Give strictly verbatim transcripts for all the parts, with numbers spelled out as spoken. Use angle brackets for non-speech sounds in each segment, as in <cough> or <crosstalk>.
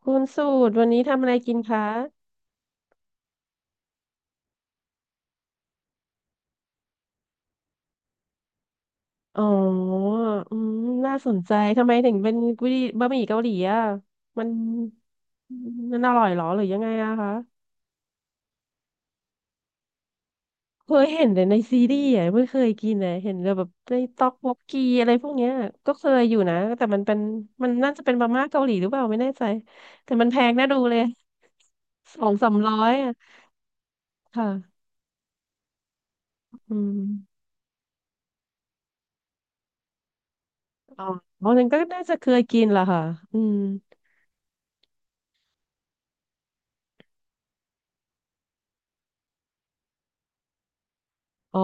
คุณสูตรวันนี้ทำอะไรกินคะ อ๋ออืมน่าสนใจ ทำไมถึงเป็นกุยบะหมี่เกาหลีอ่ะมันมันอร่อยเหรอหรือยังไงอะคะเคยเห็นแต่ในซีรีส์อะไม่เคยกินเลยเห็นแต่แบบในต๊อกบกกีอะไรพวกเนี้ยก็เคยอยู่นะแต่มันเป็นมันน่าจะเป็นมาม่าเกาหลีหรือเปล่าไม่แน่ใจแต่มันแพงน่าดูเลย <laughs> สองสามร้อยอะค่ะอืมอ๋อเพราะฉะนั้นก็น่าจะเคยกินล่ะค่ะอืมอ๋อ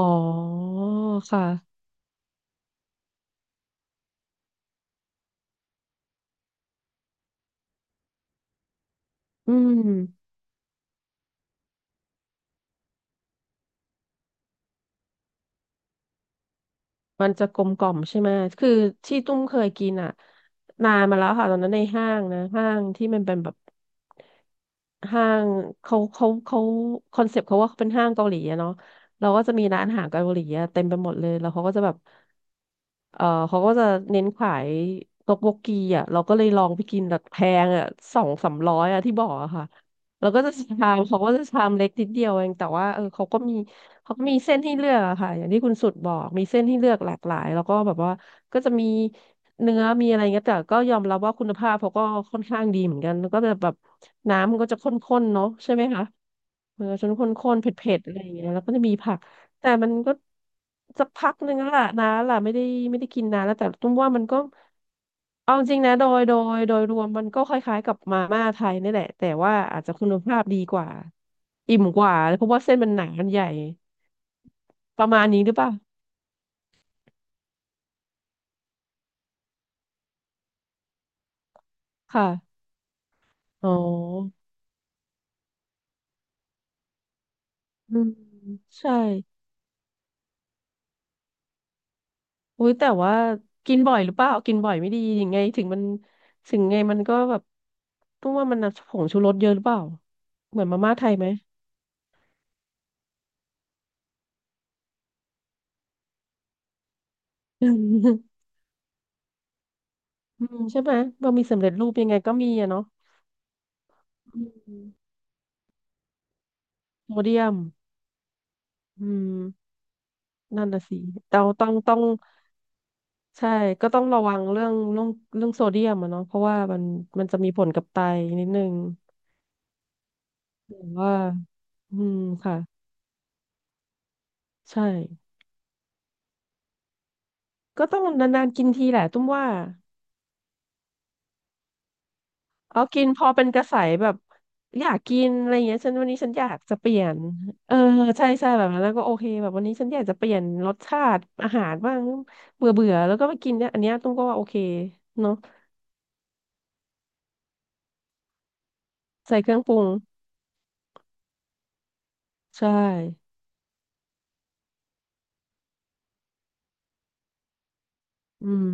ค่ะ อืมมันจะกลมกล่อมใช่ไหมคือที่ตุ้มเคยกินอ่ะนานมาแล้วค่ะตอนนั้นในห้างนะห้างที่มันเป็นแบบห้างเขาเขาเขาคอนเซ็ปต์เขาว่าเขาเป็นห้างเกาหลีอะเนาะเราก็จะมีร้านอาหารเกาหลีอะเต็มไปหมดเลยแล้วเขาก็จะแบบ เออเขาก็จะเน้นขายต๊อกโบกีอ่ะเราก็เลยลองไปกินแบบแพงอ่ะสองสามร้อยอ่ะที่บอกอะค่ะเราก็จะชาม <laughs> เขาก็จะชามเล็กนิดเดียวเองแต่ว่าเออเขาก็มีเขาก็มีเส้นให้เลือกอะค่ะอย่างที่คุณสุดบอกมีเส้นให้เลือกหลากหลายแล้วก็แบบว่าก็จะมีเนื้อมีอะไรเงี้ยแต่ก็ยอมรับว่าคุณภาพเขาก็ค่อนข้างดีเหมือนกันแล้วก็จะแบบน้ำมันก็จะข้นๆเนาะใช่ไหมคะมันก็จะข้นๆเผ็ดๆอะไรอย่างเงี้ยแล้วก็จะมีผัก แต่มันก็สักพักหนึ่งแล้วล่ะนะล่ะไม่ได้ไม่ได้กินนานแล้วแต่ตุ้มว่ามันก็เอาจริงนะโดยโดยโดยรวมมันก็คล้ายๆกับมาม่าไทยนี่แหละแต่ว่าอาจจะคุณภาพดีกว่าอิ่มกว่าเพราะว่าเส้นมันหนามันใหญ่ประมาณนี้หรือเปล่าค่ะอ๋ออืมใช่อุ้ยแต่ว่ากินบ่อยหรือเปล่ากินบ่อยไม่ดียังไงถึงมันถึงไงมันก็แบบตุ้มว่ามันน่ะผงชูรสเยอะหรือเปล่าเหมือนมาม่าไทยไหม <laughs> อืมใช่ไหมบะหมี่สำเร็จรูปยังไงก็มีอะเนาะอืมโซเดียมอืมนั่นน่ะสิเราต้องต้องใช่ก็ต้องระวังเรื่องเรื่องเรื่องโซเดียมอะเนาะเพราะว่ามันมันจะมีผลกับไตนิดนึงหรื่ว่าอืมค่ะใช่ก็ต้องนานๆกินทีแหละตุ้มว่า เอากินพอเป็นกระแสแบบอยากกินอะไรเงี้ยฉันวันนี้ฉันอยากจะเปลี่ยนเออใช่ใช่แบบนั้นแล้วก็โอเคแบบวันนี้ฉันอยากจะเปลี่ยนรสชาติอาหารบ้างเบื่อเบื่อแล้วก็มากินเนี่ยอันเนี้ยตุ้มก็ว่าโอเคเนาะใส่เครื่องปรุงใช่อืม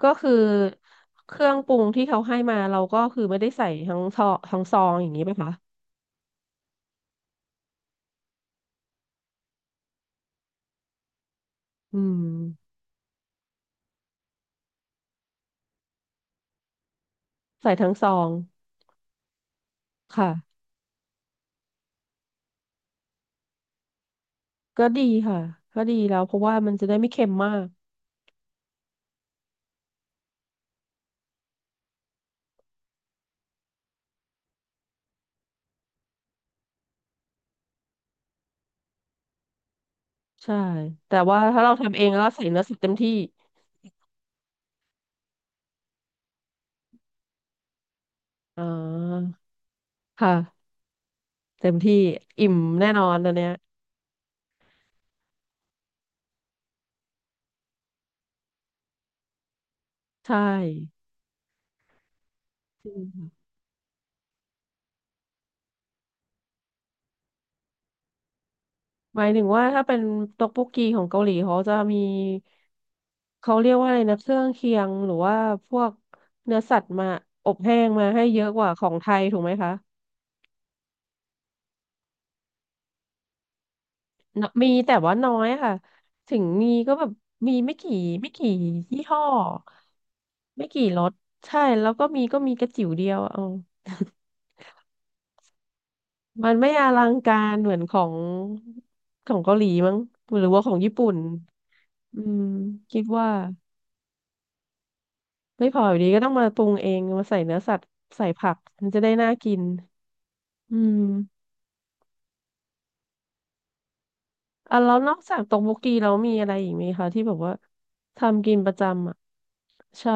ก็คือเครื่องปรุงที่เขาให้มาเราก็คือไม่ได้ใส่ทั้งซองทั้งซองอย่างนี้ไหมคะอืมใส่ทั้งซองค่ะก็ดีค่ะก็ดีแล้วเพราะว่ามันจะได้ไม่เค็มมาก ใช่แต่ว่าถ้าเราทำเองแล้วเราใส่เนื้อสัตว์เต็มที่อ่าค่ะเต็มที่อิ่มแน่นอนตอนเนี้ยใช่จริงค่ะหมายถึงว่าถ้าเป็นต๊อกบกกีของเกาหลีเขาจะมีเขาเรียกว่าอะไรนะเครื่องเคียงหรือว่าพวกเนื้อสัตว์มาอบแห้งมาให้เยอะกว่าของไทยถูกไหมคะนมีแต่ว่าน้อยค่ะถึงมีก็แบบมีไม่กี่ไม่กี่ยี่ห้อไม่กี่รสใช่แล้วก็มีก็มีกระจิ๋วเดียวเอา มันไม่อลังการเหมือนของของเกาหลีมั้งหรือว่าของญี่ปุ่นอืมคิดว่าไม่พออยู่ดีก็ต้องมาปรุงเองมาใส่เนื้อสัตว์ใส่ผักมันจะได้น่ากินอืมอ่ะแล้วนอกจากตกโกีเรามีอะไรอีกไหมคะที่แบบว่าทำกินประจำอ่ะใช่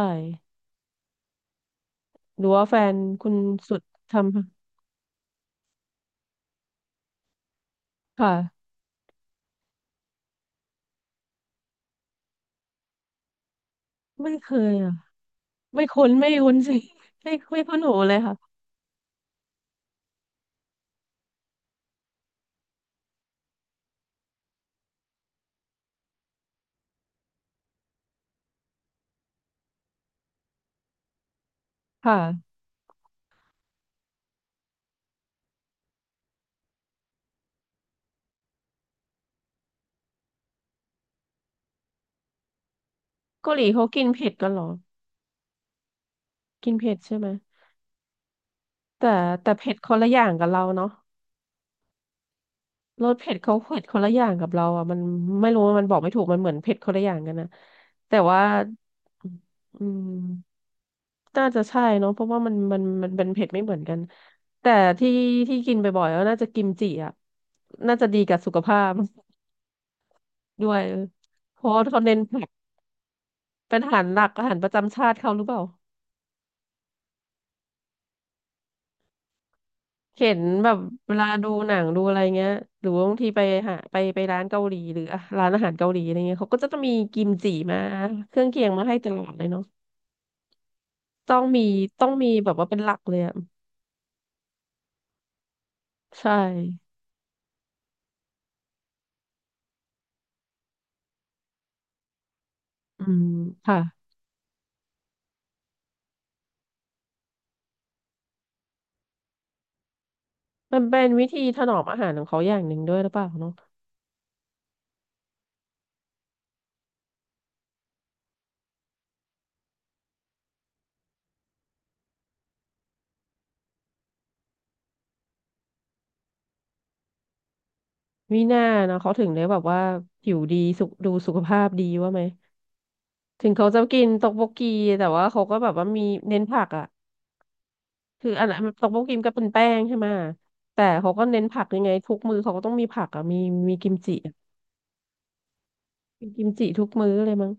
หรือว่าแฟนคุณสุดทำค่ะไม่เคยอ่ะไม่คุ้นไม่คุ้นสิ <laughs> ไม่ไม่คุ้นหูเลยค่ะค่ะเกาหลีเขากินเผ็ดกันเหรอกินเผ็ดใช่ไหม แต่แต่เผ็ดคนละอย่างกับเราเนาะรสเผ็ดเขาเผ็ดคนละอย่างกับเราอ่ะมันไม่รู้ว่ามันบอกไม่ถูกมันเหมือนเผ็ดคนละอย่างกันนะแต่ว่าอืมน่าจะใช่เนาะเพราะว่ามันมันมันเป็นเผ็ดไม่เหมือนกันแต่ที่ที่กินบ่อยๆก็น่าจะกิมจิอ่ะน่าจะดีกับสุขภาพ <laughs> ด้วยเพราะว่าเขาเน้นผักเป็นอาหารหลักอาหารประจำชาติเขาหรือเปล่า เห็นแบบเวลาดูหนังดูอะไรเงี้ยหรือว่าบางทีไปหาไปไปร้านเกาหลีหรืออ่ะร้านอาหารเกาหลีอะไรเงี้ยเขาก็จะต้องมีกิมจิมาเครื่องเคียงมาให้ตลอดเลยเนาะต้องมีต้องมีแบบว่าเป็นหลักเลยอะใช่อืมค่ะมันเป็นวิธีถนอมอาหารของเขาอย่างหนึ่งด้วยหรือเปล่าเนาะมีหน้านะเขาถึงได้แบบว่าผิวดีสุขดูสุขภาพดีว่าไหมถึงเขาจะกินตอกโบกีแต่ว่าเขาก็แบบว่ามีเน้นผักอ่ะ คืออันนั้นตอกโบกิมก็เป็นแป้งใช่ไหมแต่เขาก็เน้นผักยังไงทุกมื้อเขาก็ต้องมีผักอ่ะมีมีกิมจิอะมีกิมจิทุกมื้อเลยมั้ง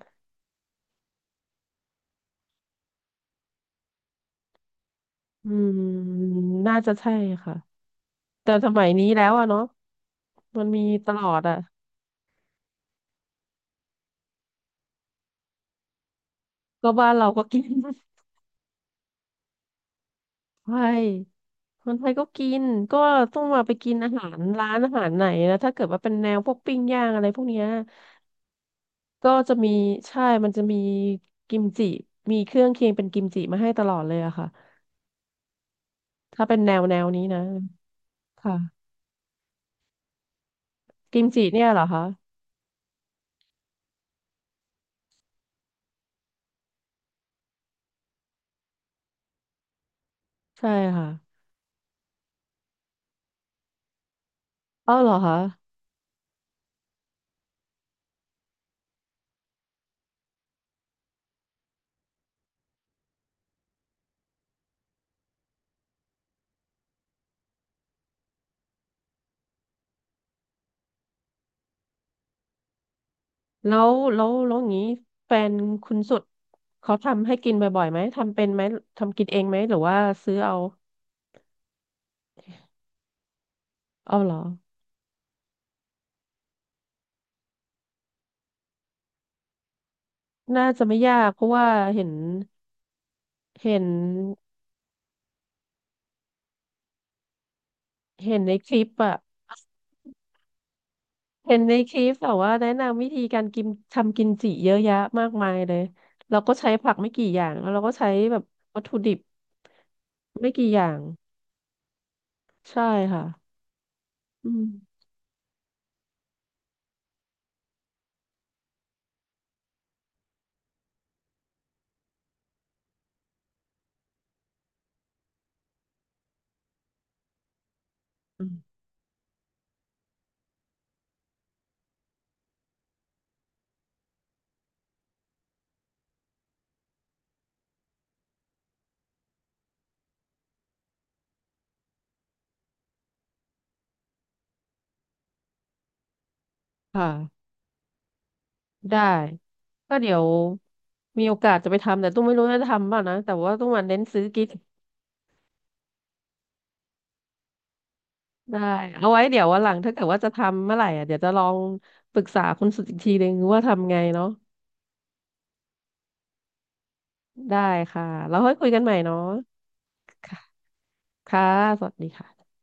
อืมน่าจะใช่ค่ะแต่สมัยนี้แล้วอะเนาะมันมีตลอดอะก็บ้านเราก็กิน <laughs> ใช่คนไทยก็กินก็ต้องมาไปกินอาหารร้านอาหารไหนนะถ้าเกิดว่าเป็นแนวพวกปิ้งย่างอะไรพวกเนี้ยก็จะมีใช่มันจะมีกิมจิมีเครื่องเคียงเป็นกิมจิมาให้ตลอดเลยอะค่ะถ้าเป็นแนวแนวนี้นะ ค่ะกิมจิเนี่ยเหรอคะใช่ค่ะอ้าวเหรอคะแล้วแล้วแล้วอย่างนี้แฟนคุณสุดเขาทำให้กินบ่อยๆไหมทำเป็นไหมทำกินเองไหมหรือว่าซื้อเอาเอาเหรอน่าจะไม่ยากเพราะว่าเห็นเห็นเห็นในคลิปอะเห็นในคลิปแบบว่าแนะนำวิธีการกินทำกิมจิเยอะแยะมากมายเลยเราก็ใช้ผักไม่กี่อย่างแล้วเราก็ใช้แบบวัตถุดิบไม่กี่อย่างใช่ค่ะอืมอืมค่ะ ได้ก็เดี๋ยวมีโอกาสจะไปทำแต่ตุ้มไม่รู้จะทำเปล่านะแต่ว่าตุ้มมันเน้นซื้อกินได้เอาไว้เดี๋ยววันหลังถ้าเกิดว่าจะทำเมื่อไหร่อ่ะเดี๋ยวจะลองปรึกษาคุณสุดอีกทีหนึ่งว่าทำไงเนาะได้ค่ะแล้วค่อยคุยกันใหม่เนาะค่ะค่ะสวัสดีค่ะ